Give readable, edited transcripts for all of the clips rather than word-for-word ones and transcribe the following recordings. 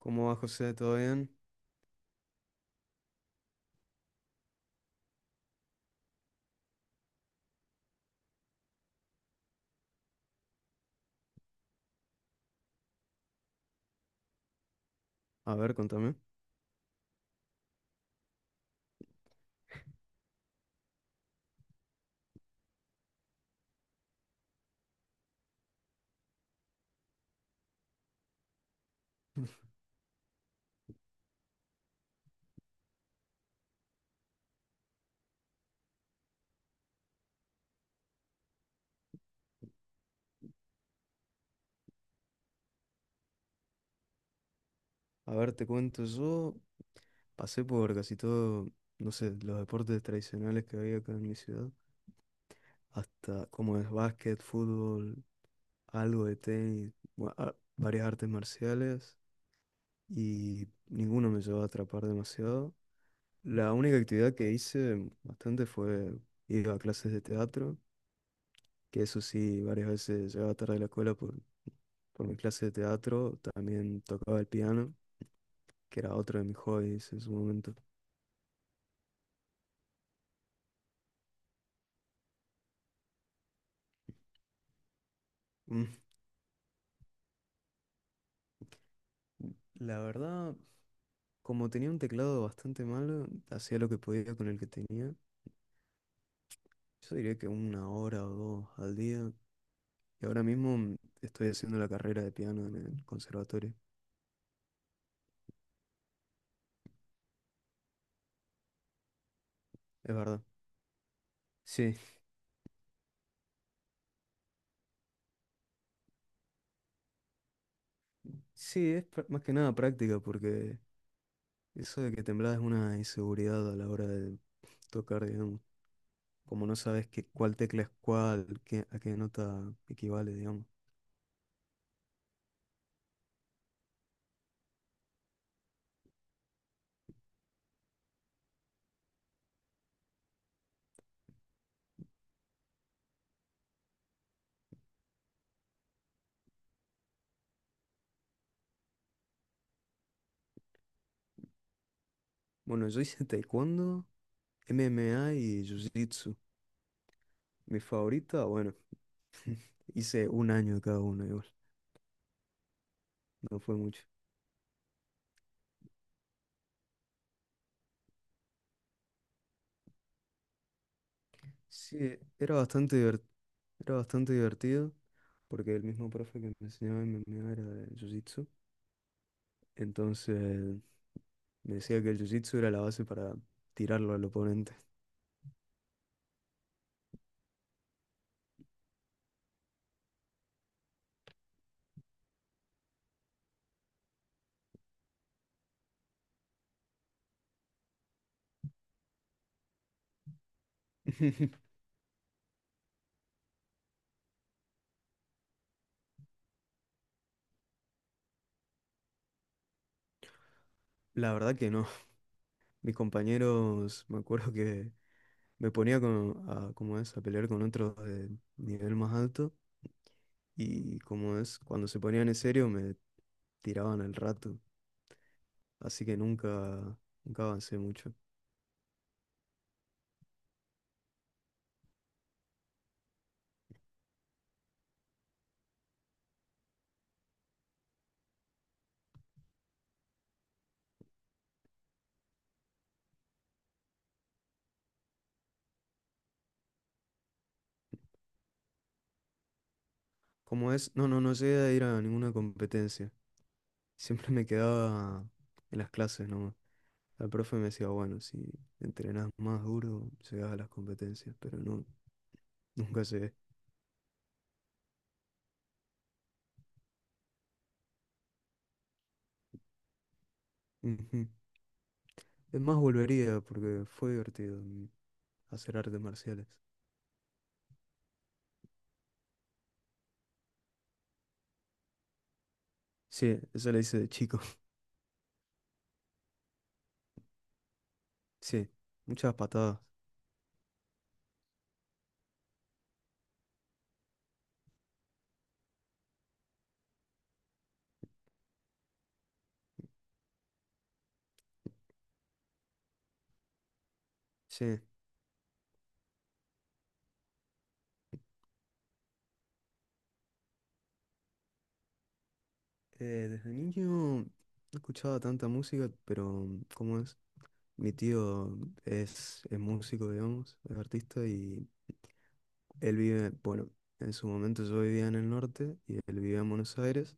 ¿Cómo va, José? ¿Todo bien? A ver, contame. A ver, te cuento, yo pasé por casi todo, no sé, los deportes tradicionales que había acá en mi ciudad, hasta como es básquet, fútbol, algo de tenis, varias artes marciales, y ninguno me llevó a atrapar demasiado. La única actividad que hice bastante fue ir a clases de teatro, que eso sí, varias veces llegaba tarde a la escuela por mi clase de teatro, también tocaba el piano. Que era otro de mis hobbies en su momento. Mm. La verdad, como tenía un teclado bastante malo, hacía lo que podía con el que tenía. Yo diría que 1 hora o 2 al día. Y ahora mismo estoy haciendo la carrera de piano en el conservatorio. Es verdad. Sí, sí, más que nada práctica porque eso de que temblás es una inseguridad a la hora de tocar, digamos. Como no sabes qué, cuál tecla es cuál, a qué nota equivale, digamos. Bueno, yo hice taekwondo, MMA y jiu-jitsu. Mi favorita, bueno, hice 1 año de cada uno igual, no fue mucho. Sí, era bastante divertido, era bastante divertido porque el mismo profe que me enseñaba MMA era de Jiu-Jitsu, entonces me decía que el Jiu-Jitsu era la base para tirarlo al oponente. La verdad que no. Mis compañeros, me acuerdo que me ponía como, a, como es, a pelear con otros de nivel más alto y como es, cuando se ponían en serio me tiraban al rato. Así que nunca, nunca avancé mucho. Como es, no, no, no llegué a ir a ninguna competencia. Siempre me quedaba en las clases nomás. El profe me decía, bueno, si entrenás más duro, llegás a las competencias, pero no, nunca llegué. Ujú. Es más, volvería porque fue divertido hacer artes marciales. Sí, eso le hice de chico. Sí, muchas patadas. Sí, desde niño no escuchaba tanta música, pero ¿cómo es? Mi tío es músico, digamos, es artista y él vive, bueno, en su momento yo vivía en el norte y él vivía en Buenos Aires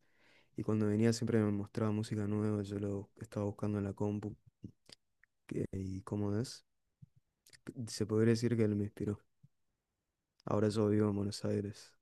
y cuando venía siempre me mostraba música nueva, yo lo estaba buscando en la compu y cómo es. Se podría decir que él me inspiró. Ahora yo vivo en Buenos Aires.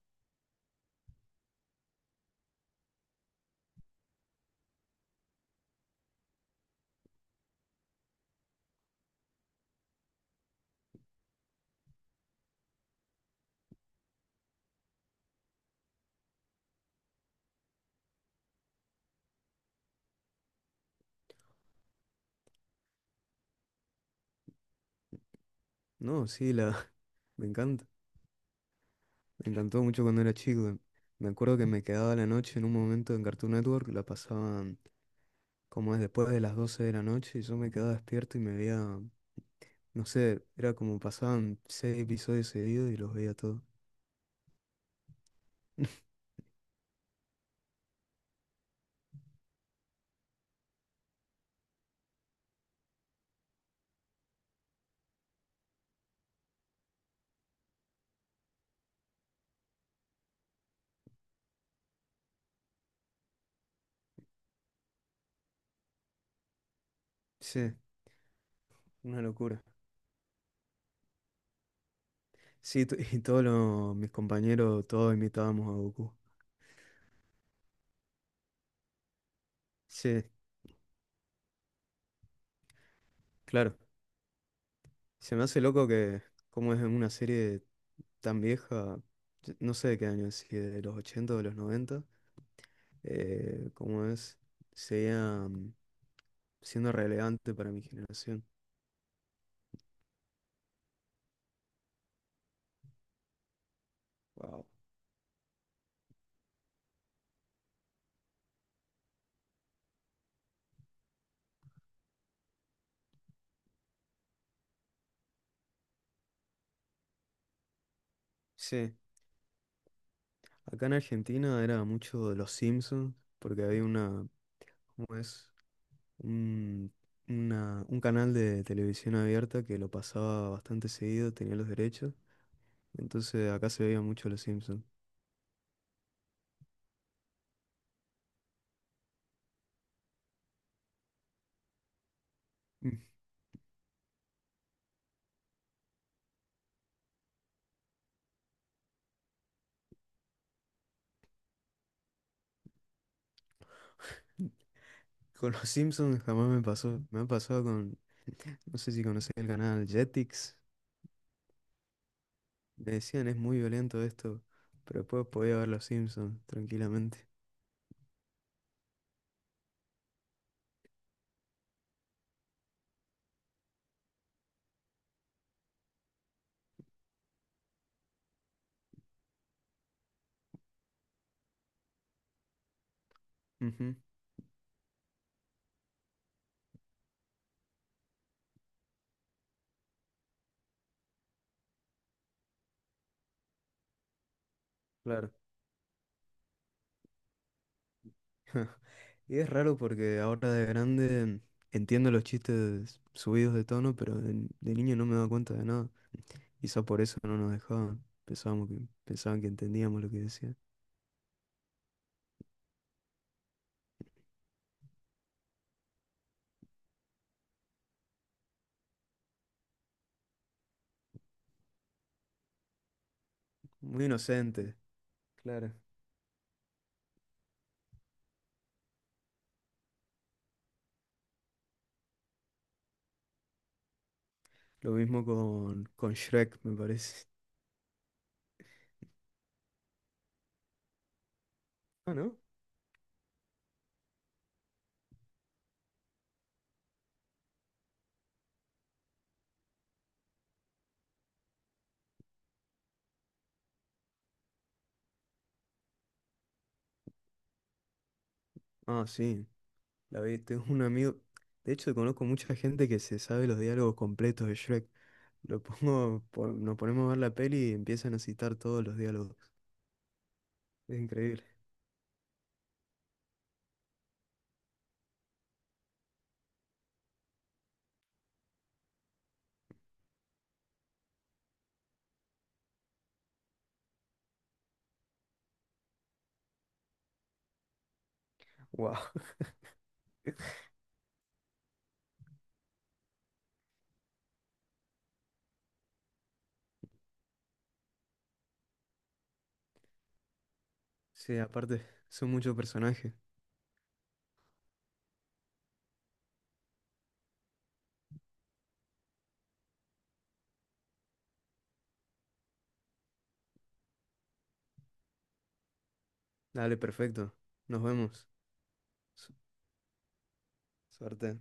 No, sí, me encanta. Me encantó mucho cuando era chico. Me acuerdo que me quedaba la noche en un momento en Cartoon Network, la pasaban como es después de las 12 de la noche y yo me quedaba despierto y me veía. No sé, era como pasaban seis episodios seguidos y los veía todos. Sí, una locura. Sí, y todos mis compañeros, todos imitábamos a Goku. Sí, claro. Se me hace loco que, como es una serie tan vieja, yo no sé de qué año es, si de los 80 o de los 90, como es, seguía siendo relevante para mi generación. Wow. Sí, acá en Argentina era mucho de los Simpsons, porque había ¿cómo es? un, un canal de televisión abierta que lo pasaba bastante seguido, tenía los derechos, entonces acá se veía mucho Los Simpsons. Mm. Con Los Simpsons jamás me pasó, me ha pasado con, no sé si conocés el canal Jetix, me decían es muy violento esto, pero después podía ver Los Simpsons tranquilamente. Ujú, claro. Y es raro porque ahora de grande entiendo los chistes subidos de tono, pero de niño no me daba cuenta de nada. Quizá por eso no nos dejaban. Pensábamos que, pensaban que entendíamos lo que decían. Muy inocente, claro. Lo mismo con Shrek, me parece. Ah, ¿no? Ah, sí. La vi. Tengo un amigo. De hecho, conozco mucha gente que se sabe los diálogos completos de Shrek. Lo pongo, nos ponemos a ver la peli y empiezan a citar todos los diálogos. Es increíble. Wow. Sí, aparte, son muchos personajes. Dale, perfecto. Nos vemos. Su- Suerte.